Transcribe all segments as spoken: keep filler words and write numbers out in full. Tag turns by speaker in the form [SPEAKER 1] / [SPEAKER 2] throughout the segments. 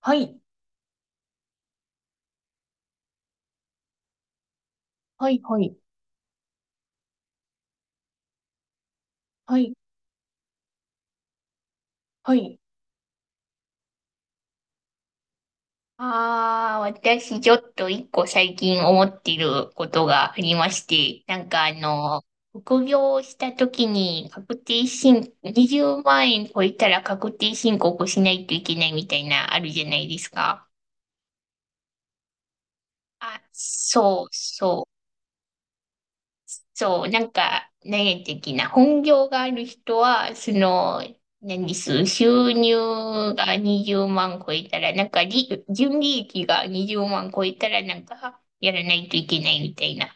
[SPEAKER 1] はい。はい、はい。はい、はい。ああ、私ちょっと一個最近思っていることがありまして、なんかあの、副業をした時に確定申、にじゅうまん円超えたら確定申告しないといけないみたいなあるじゃないですか。あ、そう、そう。そう、なんか、何的な、本業がある人は、その、何です、収入がにじゅうまん超えたら、なんか利、純利益がにじゅうまん超えたら、なんか、やらないといけないみたいな、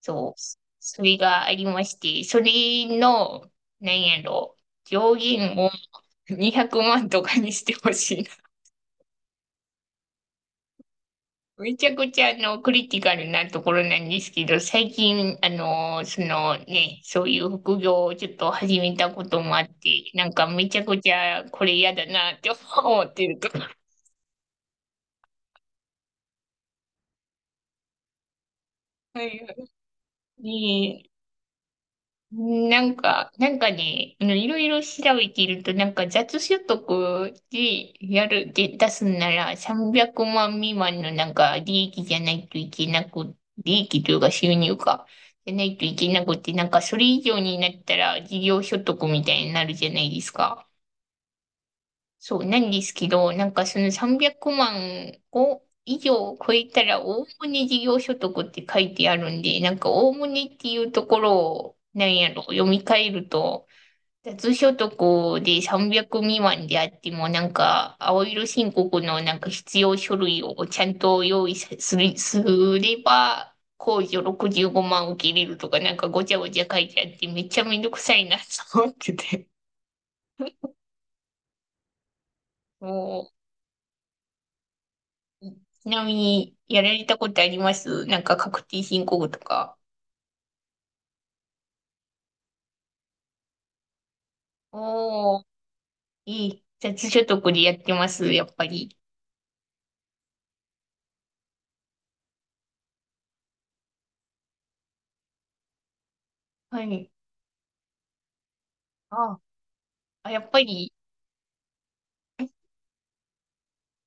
[SPEAKER 1] そう、それがありまして、それの、何やろ、上限をにひゃくまんとかにしてほしい。めちゃくちゃあのクリティカルなところなんですけど、最近、あの、そのね、そういう副業をちょっと始めたこともあって、なんかめちゃくちゃこれ嫌だなって思ってるところ。はい。ねえ、なんか、なんかね、あの、いろいろ調べていると、なんか雑所得でやる、で出すならさんびゃくまん未満のなんか利益じゃないといけなく、利益というか収入か、じゃないといけなくて、なんかそれ以上になったら事業所得みたいになるじゃないですか。そうなんですけど、なんかそのさんびゃくまんを以上超えたら、おおむね事業所得って書いてあるんで、なんかおおむねっていうところを、なんやろ、読み替えると、雑所得でさんびゃく未満であっても、なんか青色申告のなんか必要書類をちゃんと用意さする、すれば、控除ろくじゅうごまん受けれるとか、なんかごちゃごちゃ書いてあって、めっちゃめんどくさいなと思ってて。もちなみに、やられたことありますなんか確定申告とか？おー、いい。雑所得でやってます、やっぱり。はい。あ、あ、やっぱり、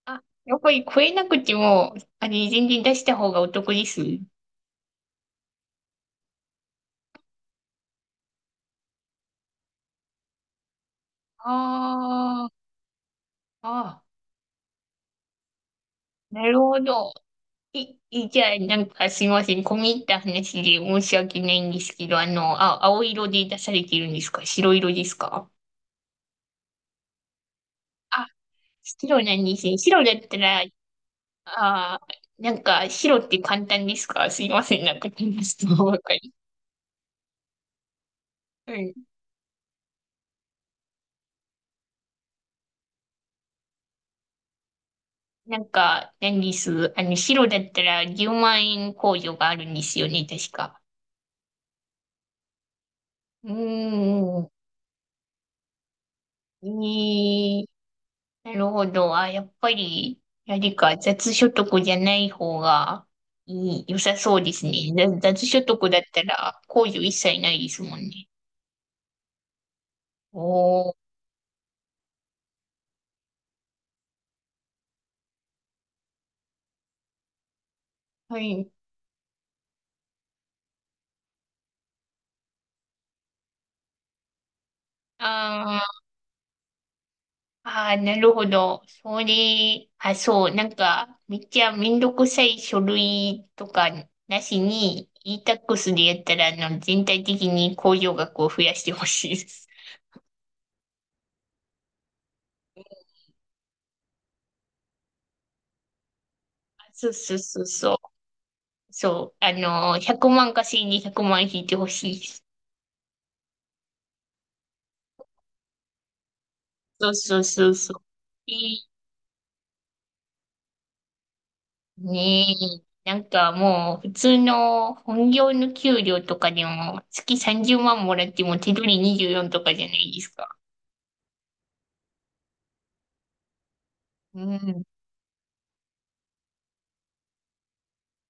[SPEAKER 1] あ、やっぱり超えなくても、あれ、全然出した方がお得です。ああ、あー、なるほど。い、いじゃあ、なんかすいません。込み入った話で申し訳ないんですけど、あの、あ、青色で出されてるんですか、白色ですか？あ、白なんですね。白だったら、ああ、なんか、白って簡単ですか、すいません、なんか、質問ばっかり。うん。なんか、何です。あの、白だったらじゅうまん円控除があるんですよね、確か。うーん。ええ、なるほど。あ、やっぱり、何か、雑所得じゃない方がいい、良さそうですね。雑雑所得だったら、控除一切ないですもんね。おー。はい。ああ、あ、なるほど。それ、あ、そう、なんか、めっちゃめんどくさい書類とかなしに、e-tax でやったら、あの、全体的に控除額を増やしてほしいです。あ、そうそうそうそう。そう、あの、ひゃくまん稼いでひゃくまん引いてほしいです。そうそうそうそう。いい、ねえ。なんかもう、普通の本業の給料とかでも、月さんじゅうまんもらっても手取りにじゅうよんとかじゃないですか。うん。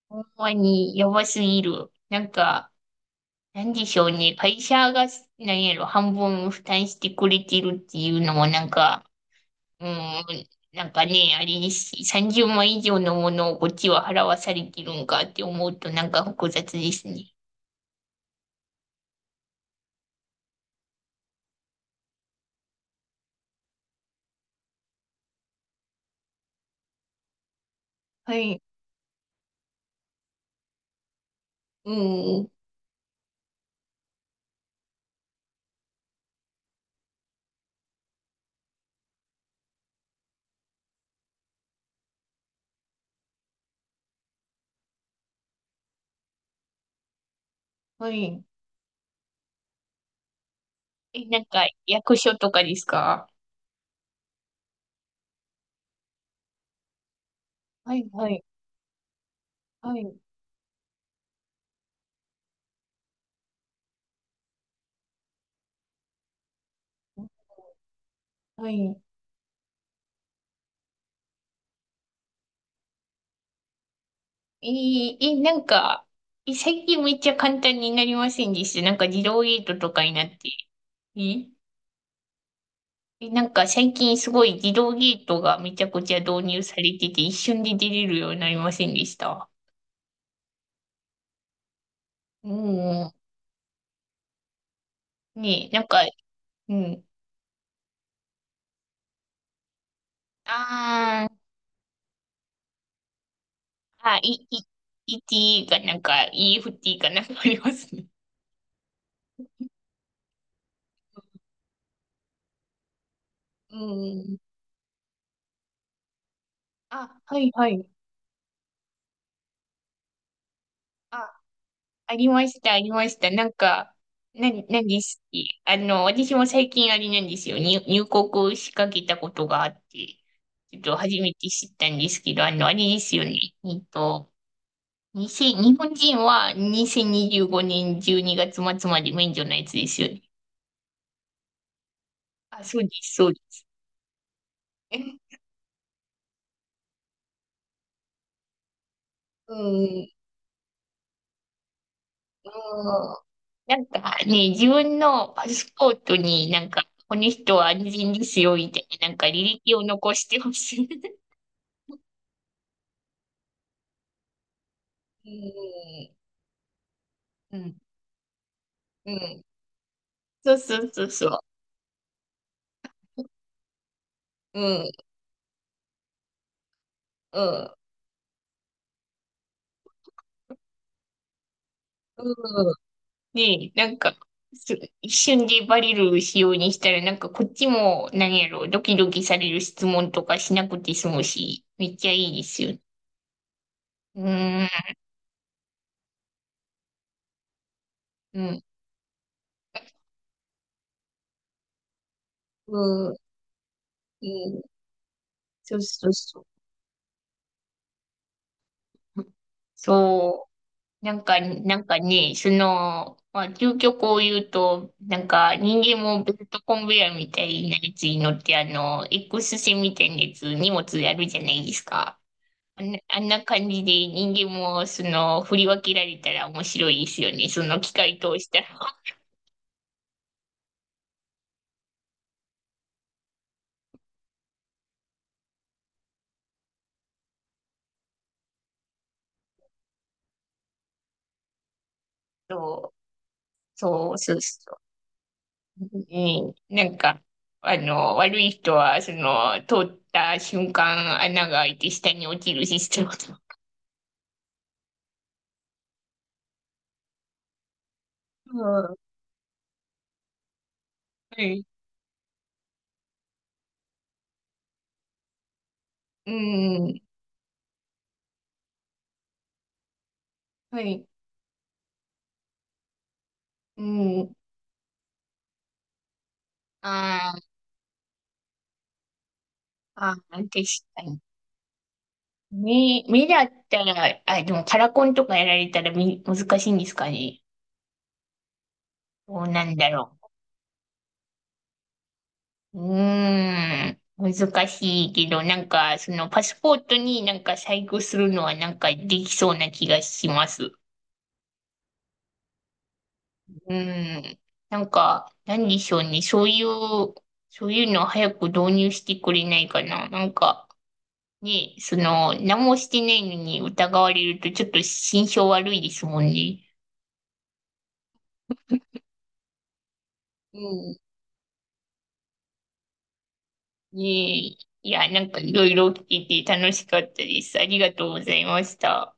[SPEAKER 1] ほんまにやばすぎる。なんか、なんでしょうね。会社が、なんやろ、半分負担してくれてるっていうのも、なんか、うん、なんかね、あれですし、さんじゅうまん以上のものをこっちは払わされてるんかって思うと、なんか複雑ですね。はい。うん。はい。え、なんか、役所とかですか？はい、はい、はい、はい。えええなんか、え、最近めっちゃ簡単になりませんでした？なんか自動ゲートとかになって。え、えなんか最近すごい自動ゲートがめちゃくちゃ導入されてて、一瞬で出れるようになりませんでした？うん。ねえ、なんか、うん。あー、あ、い、い、e t ーがなんか イーエフティー かなんかありますね。うん。あ、はいはい。あ、ありました、ありました。なんか、な、何ですっけ？あの、私も最近あれなんですよ。入、入国しかけたことがあって、ちょっと初めて知ったんですけど、あの、あれですよね。えっと、にせん日本人はにせんにじゅうごねんじゅうにがつ末まで免除のやつですよね。あ、そうです、そうです。え、うん、うん、なんかね、自分のパスポートになんか、この人は安全ですよ、みたいな、なんか履歴を残してほしい。うん、うん。うん。そうそうそうそう。うん。うん。うん。で、なんか、す一瞬でバレる仕様にしたら、なんかこっちも、何やろ、ドキドキされる質問とかしなくて済むし、めっちゃいいですよ。うん。うん。うん。うん。そうそうそう。そう。なんか、なんかね、その、まあ、究極を言うと、なんか、人間もベルトコンベヤーみたいなやつに乗って、あの、X 線みたいなやつ、荷物やるじゃないですか。あんな、あんな感じで人間も、その、振り分けられたら面白いですよね。その機械通したら。そう、そう、そうそう。うん、なんか、あの、悪い人は、その、通った瞬間、穴が開いて下に落ちるシステムと。うん。はい、うん、はい。うん。あー、あー、確かに。目、目だったら、あ、でもカラコンとかやられたら、み、難しいんですかね？どうなんだろう。うーん。難しいけど、なんか、そのパスポートになんか細工するのはなんかできそうな気がします。うん。なんか、なんでしょうね。そういう、そういうのを早く導入してくれないかな。なんか、ね、その、何もしてないのに疑われるとちょっと心象悪いですもんね。うん。ねえ、いや、なんかいろいろ聞いて楽しかったです。ありがとうございました。